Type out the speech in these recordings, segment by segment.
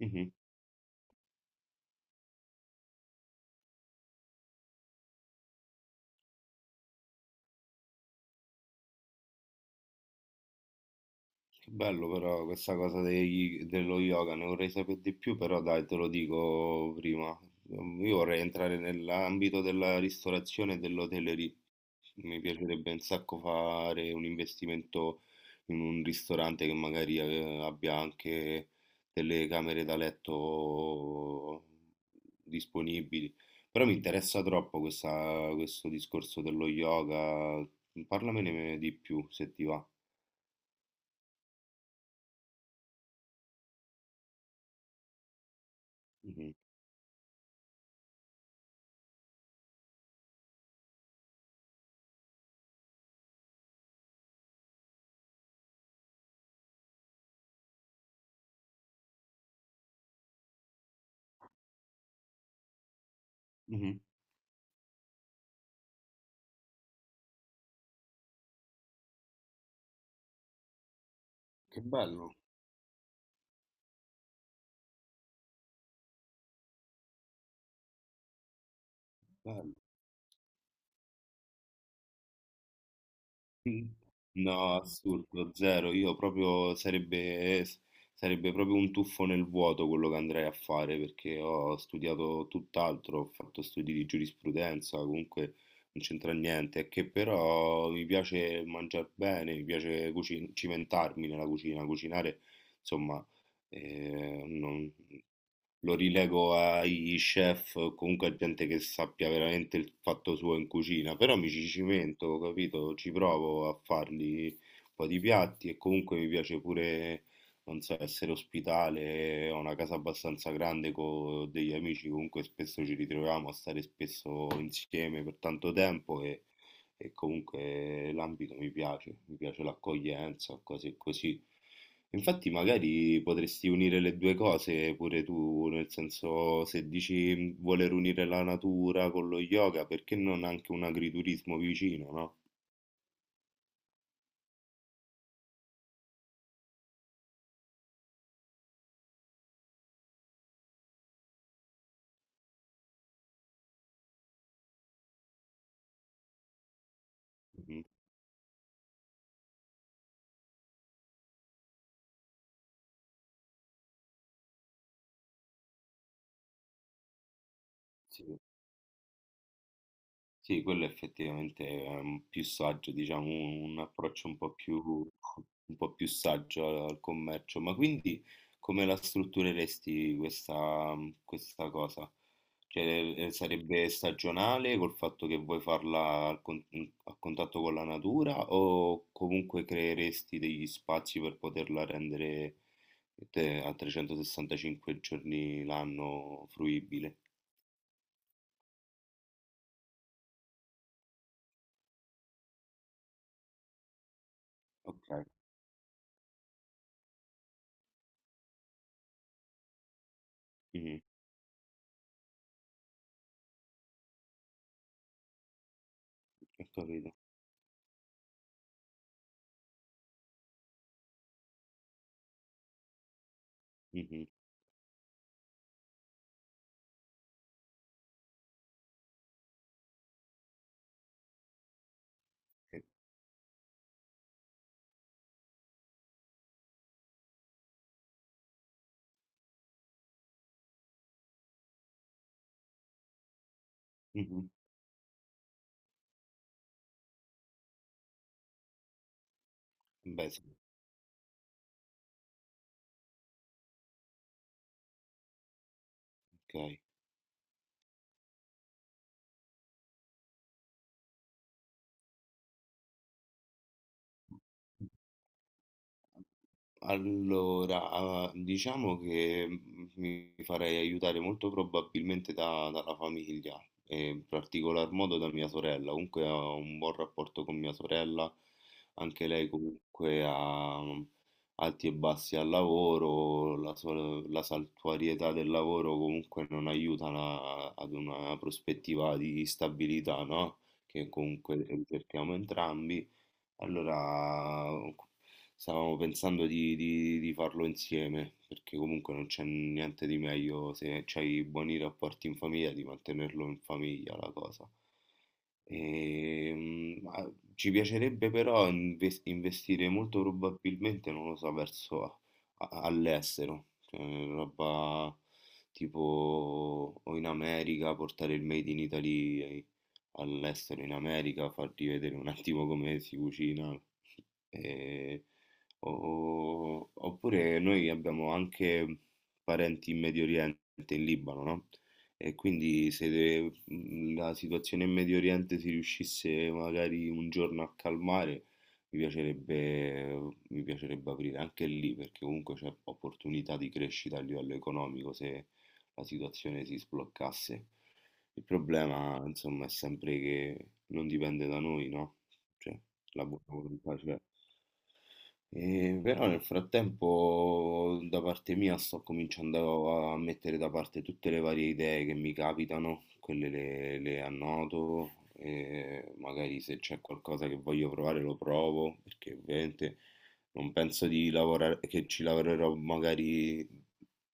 Mhm. Che bello però questa cosa dello yoga, ne vorrei sapere di più, però dai, te lo dico prima. Io vorrei entrare nell'ambito della ristorazione e dell'hotellerie. Mi piacerebbe un sacco fare un investimento in un ristorante che magari abbia anche delle camere da letto disponibili. Però mi interessa troppo questo discorso dello yoga. Parlamene di più se ti va. Mh-mh. Che bello, bello. Mh. No, assurdo, zero. Io proprio sarebbe s Sarebbe proprio un tuffo nel vuoto quello che andrei a fare, perché ho studiato tutt'altro, ho fatto studi di giurisprudenza, comunque non c'entra niente, è che però mi piace mangiar bene, mi piace cuci cimentarmi nella cucina, cucinare, insomma, non Lo rilego ai chef, o comunque a gente che sappia veramente il fatto suo in cucina, però mi ci cimento, capito? Ci provo a farli un po' di piatti e comunque mi piace pure, non so, essere ospitale, ho una casa abbastanza grande con degli amici, comunque spesso ci ritroviamo a stare spesso insieme per tanto tempo e comunque l'ambito mi piace l'accoglienza, cose così. Infatti magari potresti unire le 2 cose pure tu, nel senso se dici "Mhmm, voler unire la natura con lo yoga, perché non anche un agriturismo vicino, no? Mh-mh, sì. Sì, quello effettivamente è più saggio, diciamo, un approccio un po' più saggio al, al commercio. Ma quindi come la struttureresti questa, questa cosa? Cioè, sarebbe stagionale col fatto che vuoi farla a contatto con la natura o comunque creeresti degli spazi per poterla rendere a 365 giorni l'anno fruibile? Ok, mhm, ho capito. Mhm. Mh-mh. Beh sì, okay. Allora, diciamo che, mi farei aiutare molto probabilmente da dalla famiglia e in particolar modo da mia sorella. Comunque ho un buon rapporto con mia sorella, anche lei comunque ha, alti e bassi al lavoro, la saltuarietà del lavoro comunque non aiuta la ad una prospettiva di stabilità, no, che comunque, cerchiamo entrambi. Allora, stavamo pensando di farlo insieme, perché comunque non c'è niente di meglio se c'hai buoni rapporti in famiglia, di mantenerlo in famiglia la cosa. Ma ci piacerebbe però investire molto probabilmente, non lo so, verso all'estero, cioè roba tipo o in America, portare il Made in Italy all'estero, in America, farti vedere un attimo come si cucina. E- Oppure noi abbiamo anche parenti in Medio Oriente, in Libano, no? E quindi se de- mhmm, la situazione in Medio Oriente si riuscisse magari un giorno a calmare, mi piacerebbe aprire anche lì, perché comunque c'è opportunità di crescita a livello economico se la situazione si sbloccasse. Il problema, insomma, è sempre che non dipende da noi, no? Cioè, la buona volontà c'è. E però nel frattempo da parte mia sto cominciando a mettere da parte tutte le varie idee che mi capitano, quelle le annoto e magari se c'è qualcosa che voglio provare lo provo, perché ovviamente non penso di lavorare, che ci lavorerò magari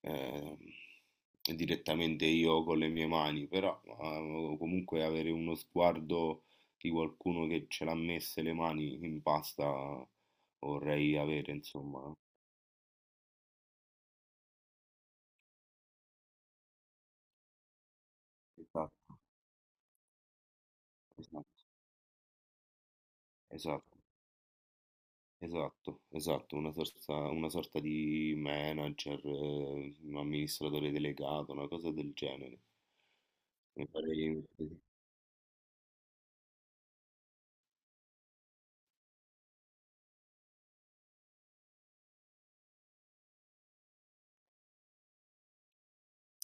eh, direttamente io con le mie mani, però comunque avere uno sguardo di qualcuno che ce l'ha messe le mani in pasta vorrei avere, insomma. Esatto, esatto, esatto, esatto, esatto, una sorta di manager, un amministratore delegato, una cosa del genere. Mi farei-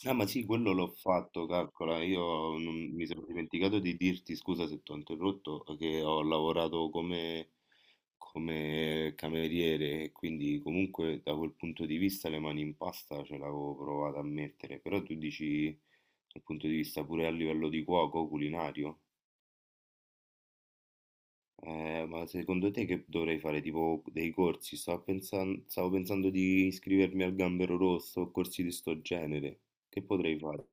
Ah, ma sì, quello l'ho fatto, calcola. Io non- Mi sono dimenticato di dirti, scusa se ti ho interrotto, che ho lavorato come, come cameriere e quindi comunque da quel punto di vista le mani in pasta ce l'avevo provato a mettere. Però tu dici dal punto di vista pure a livello di cuoco, culinario. Ma secondo te che dovrei fare? Tipo dei corsi? Stavo pensando di iscrivermi al Gambero Rosso o corsi di sto genere. Che potrei fare?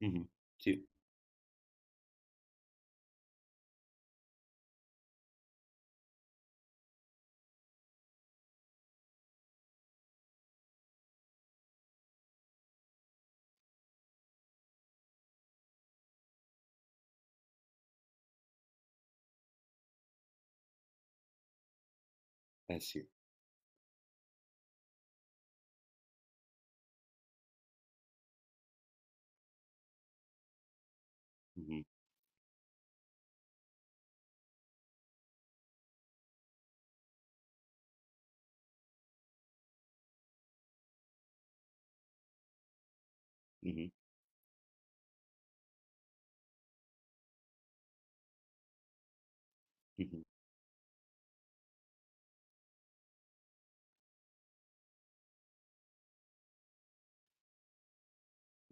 Mh-mh. Sì, eh sì. Mh-mh, mh-mh, mh-mh.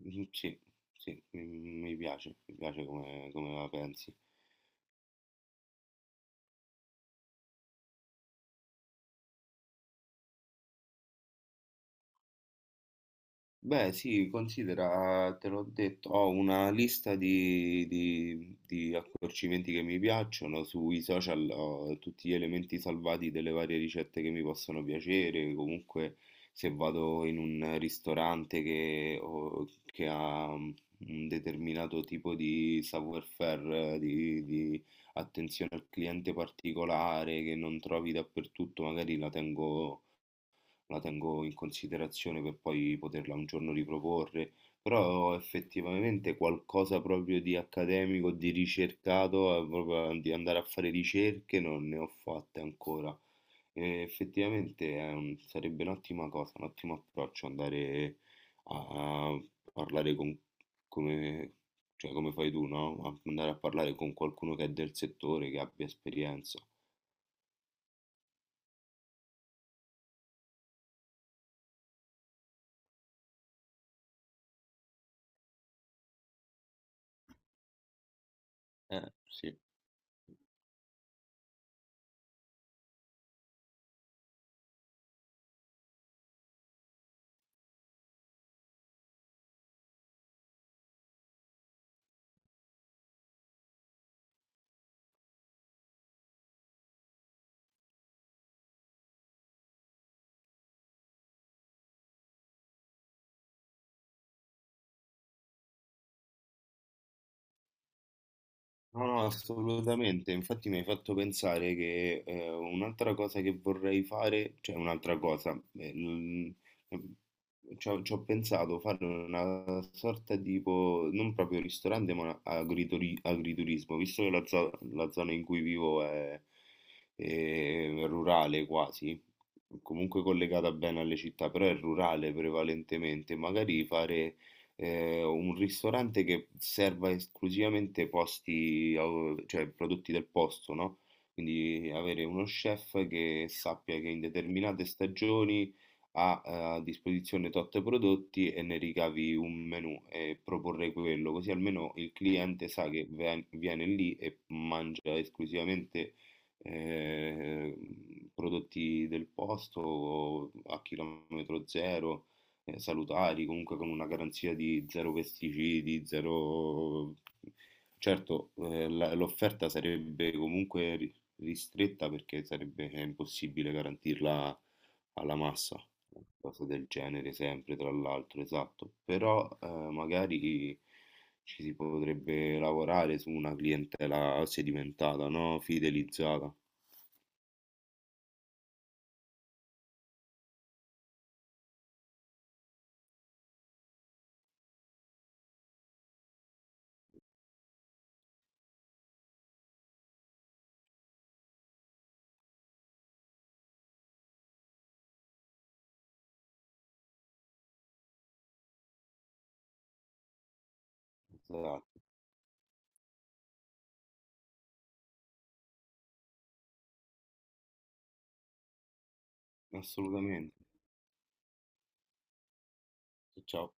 Sì, sì, mi mi piace come come la pensi. Beh, sì, considera, te l'ho detto, ho una lista di accorcimenti che mi piacciono, sui social ho tutti gli elementi salvati delle varie ricette che mi possono piacere, comunque se vado in un ristorante che ha un determinato tipo di savoir-faire, di attenzione al cliente particolare che non trovi dappertutto, magari la tengo in considerazione per poi poterla un giorno riproporre, però effettivamente qualcosa proprio di accademico, di ricercato, proprio di andare a fare ricerche non ne ho fatte ancora. E effettivamente è sarebbe un'ottima cosa, un ottimo approccio andare a parlare con, come, cioè come fai tu, no? Andare a parlare con qualcuno che è del settore, che abbia esperienza. Sì. No, no, assolutamente. Infatti mi hai fatto pensare che un'altra cosa che vorrei fare, cioè un'altra cosa, eh, l- ci ho pensato fare una sorta tipo, non proprio ristorante, agriturismo, visto che la zona in cui vivo è rurale quasi, comunque collegata bene alle città, però è rurale prevalentemente, magari fare un ristorante che serva esclusivamente cioè prodotti del posto, no? Quindi avere uno chef che sappia che in determinate stagioni ha a disposizione tot prodotti e ne ricavi un menù e proporre quello, così almeno il cliente sa che viene lì e mangia esclusivamente eh, prodotti del posto o a chilometro zero salutari, comunque con una garanzia di zero pesticidi, zero... Certo, l'offerta sarebbe comunque ristretta perché sarebbe impossibile garantirla alla massa, una cosa del genere sempre, tra l'altro, esatto. Però magari ci si potrebbe lavorare su una clientela sedimentata, no? Fidelizzata. Esatto, assolutamente. Ciao.